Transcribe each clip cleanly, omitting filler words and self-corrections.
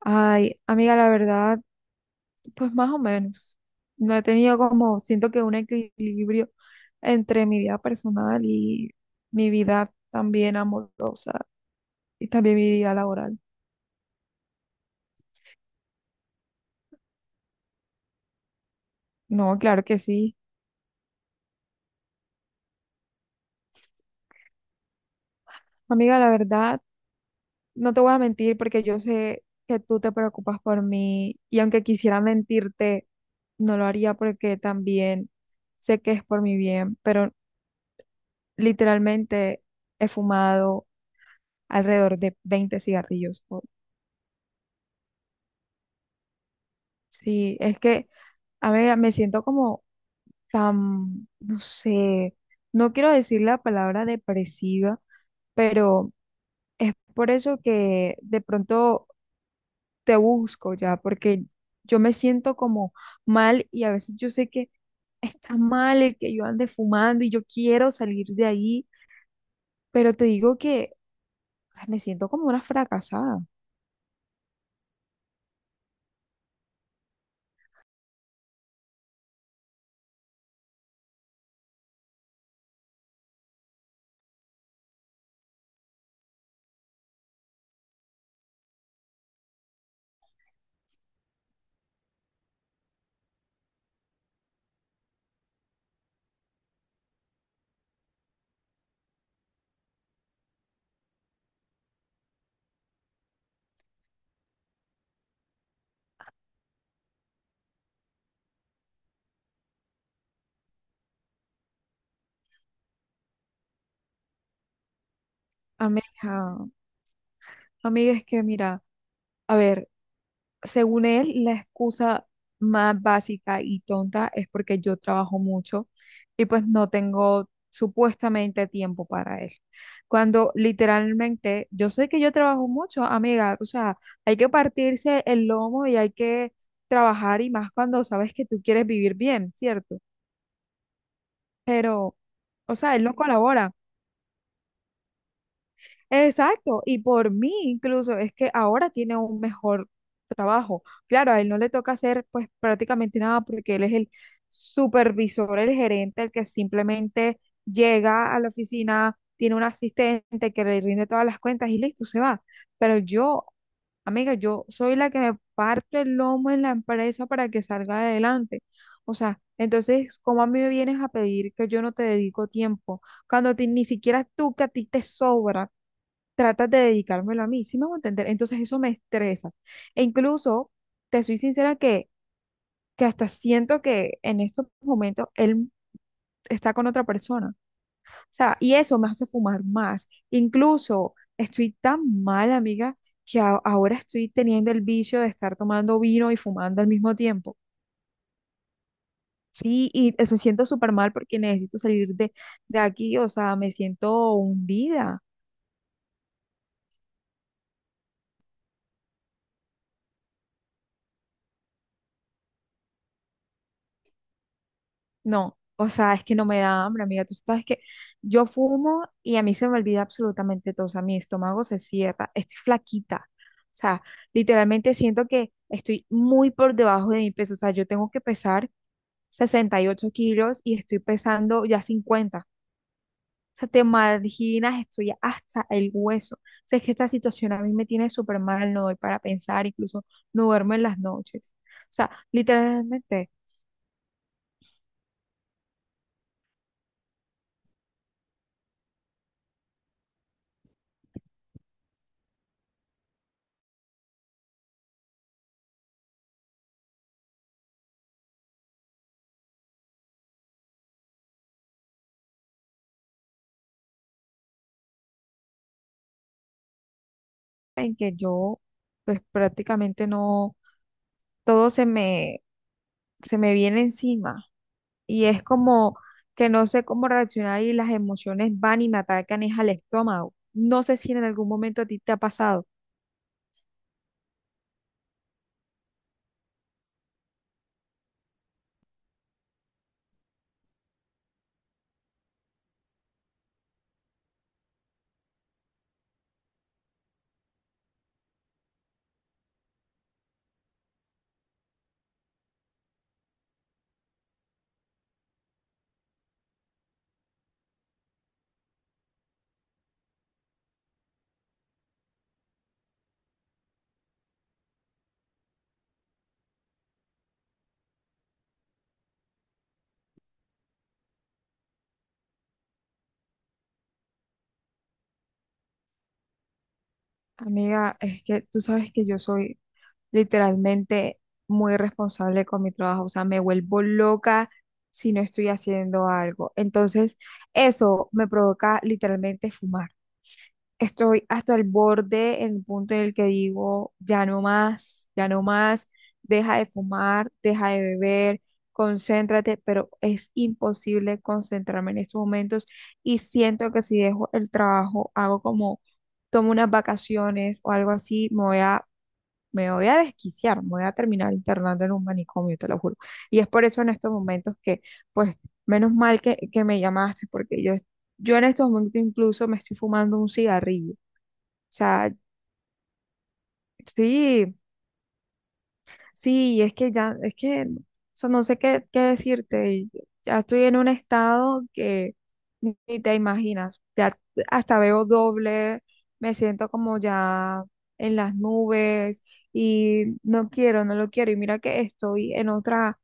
Ay, amiga, la verdad, pues más o menos. No he tenido como, siento que un equilibrio entre mi vida personal y mi vida también amorosa y también mi vida laboral. No, claro que sí. Amiga, la verdad, no te voy a mentir porque yo sé que tú te preocupas por mí y aunque quisiera mentirte, no lo haría porque también sé que es por mi bien, pero literalmente he fumado alrededor de 20 cigarrillos hoy. Sí, es que, a ver, me siento como tan, no sé, no quiero decir la palabra depresiva, pero es por eso que de pronto te busco ya, porque yo me siento como mal y a veces yo sé que está mal el que yo ande fumando y yo quiero salir de ahí, pero te digo que me siento como una fracasada. Amiga, amiga, es que mira. A ver, según él, la excusa más básica y tonta es porque yo trabajo mucho y pues no tengo supuestamente tiempo para él. Cuando literalmente, yo sé que yo trabajo mucho, amiga, o sea, hay que partirse el lomo y hay que trabajar y más cuando sabes que tú quieres vivir bien, ¿cierto? Pero, o sea, él no colabora. Exacto, y por mí incluso es que ahora tiene un mejor trabajo. Claro, a él no le toca hacer pues prácticamente nada porque él es el supervisor, el gerente, el que simplemente llega a la oficina, tiene un asistente que le rinde todas las cuentas y listo, se va. Pero yo, amiga, yo soy la que me parto el lomo en la empresa para que salga adelante. O sea, entonces, ¿cómo a mí me vienes a pedir que yo no te dedico tiempo cuando a ti- ni siquiera tú que a ti te sobra? Tratas de dedicármelo a mí, ¿sí me voy a entender? Entonces eso me estresa. E incluso, te soy sincera que, hasta siento que en estos momentos él está con otra persona. O sea, y eso me hace fumar más. Incluso estoy tan mal, amiga, que ahora estoy teniendo el vicio de estar tomando vino y fumando al mismo tiempo. Sí, y me siento súper mal porque necesito salir de aquí, o sea, me siento hundida. No, o sea, es que no me da hambre, amiga. Tú sabes que yo fumo y a mí se me olvida absolutamente todo. O sea, mi estómago se cierra. Estoy flaquita. O sea, literalmente siento que estoy muy por debajo de mi peso. O sea, yo tengo que pesar 68 kilos y estoy pesando ya 50. O sea, te imaginas, estoy hasta el hueso. O sea, es que esta situación a mí me tiene súper mal. No doy para pensar, incluso no duermo en las noches. O sea, literalmente en que yo, pues prácticamente no. Todo se me viene encima y es como que no sé cómo reaccionar y las emociones van y me atacan es al estómago. No sé si en algún momento a ti te ha pasado. Amiga, es que tú sabes que yo soy literalmente muy responsable con mi trabajo, o sea, me vuelvo loca si no estoy haciendo algo. Entonces, eso me provoca literalmente fumar. Estoy hasta el borde, en el punto en el que digo, ya no más, deja de fumar, deja de beber, concéntrate, pero es imposible concentrarme en estos momentos y siento que si dejo el trabajo, hago como, tomo unas vacaciones o algo así, me voy a desquiciar, me voy a terminar internando en un manicomio, te lo juro. Y es por eso en estos momentos que, pues, menos mal que, me llamaste, porque yo... Yo en estos momentos incluso me estoy fumando un cigarrillo sea, sí, sí, y es que ya, es que, o sea, no sé qué decirte. Y ya estoy en un estado que ni te imaginas. Ya hasta veo doble, me siento como ya en las nubes y no quiero, no lo quiero. Y mira que estoy en otra,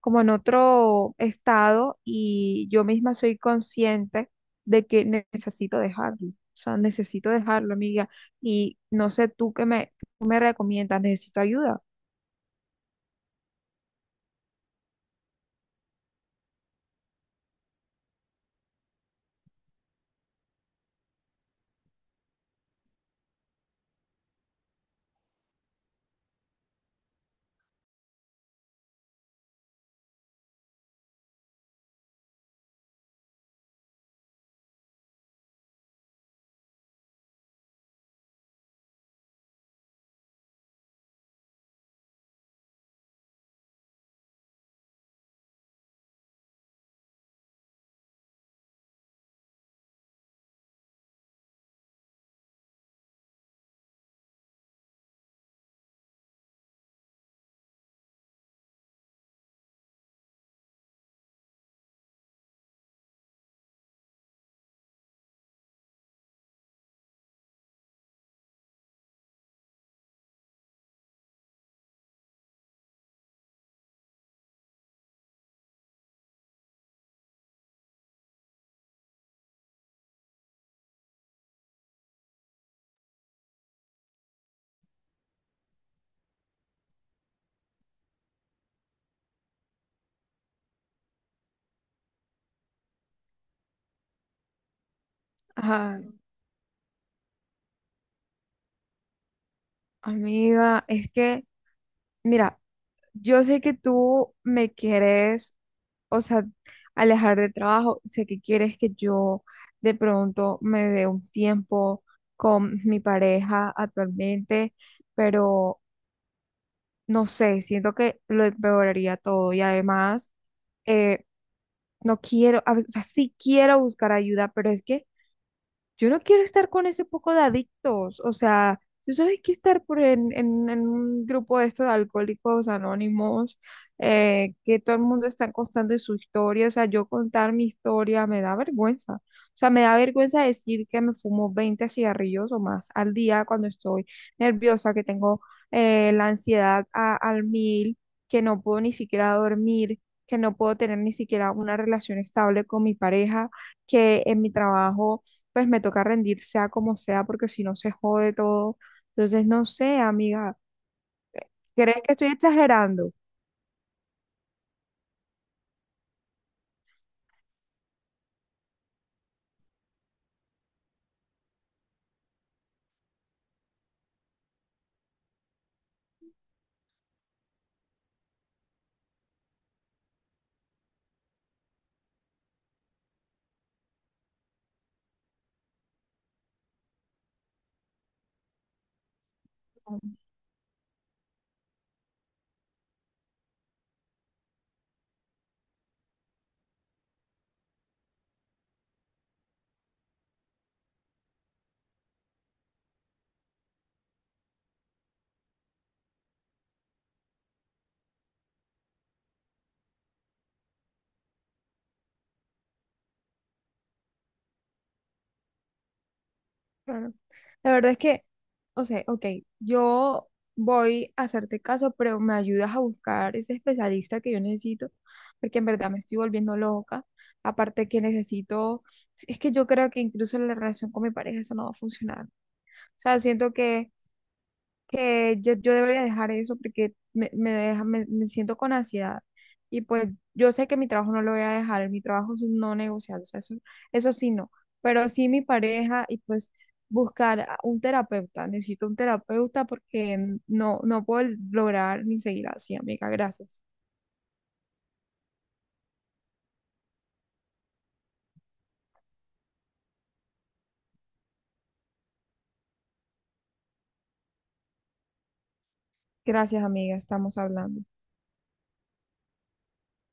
como en otro estado y yo misma soy consciente de que necesito dejarlo. O sea, necesito dejarlo, amiga. Y no sé tú qué me recomiendas, necesito ayuda. Ajá, amiga, es que, mira, yo sé que tú me quieres, o sea, alejar de trabajo, sé que quieres que yo de pronto me dé un tiempo con mi pareja actualmente, pero no sé, siento que lo empeoraría todo y además eh, no quiero, o sea, sí quiero buscar ayuda, pero es que yo no quiero estar con ese poco de adictos. O sea, tú sabes que estar por en un grupo de estos de alcohólicos anónimos, que todo el mundo está contando su historia. O sea, yo contar mi historia me da vergüenza. O sea, me da vergüenza decir que me fumo 20 cigarrillos o más al día cuando estoy nerviosa, que tengo la ansiedad al 1000, que no puedo ni siquiera dormir, que no puedo tener ni siquiera una relación estable con mi pareja, que en mi trabajo pues me toca rendir sea como sea, porque si no se jode todo. Entonces, no sé, amiga, ¿crees que estoy exagerando? No, claro. La verdad es que, o sea, ok, yo voy a hacerte caso, pero me ayudas a buscar ese especialista que yo necesito, porque en verdad me estoy volviendo loca. Aparte que necesito, es que yo creo que incluso la relación con mi pareja eso no va a funcionar. O sea, siento que que yo debería dejar eso porque me deja, me siento con ansiedad. Y pues yo sé que mi trabajo no lo voy a dejar, mi trabajo es un no negociable, o sea, eso sí no, pero sí mi pareja y pues buscar a un terapeuta, necesito un terapeuta porque no, no puedo lograr ni seguir así, amiga, gracias. Gracias, amiga, estamos hablando.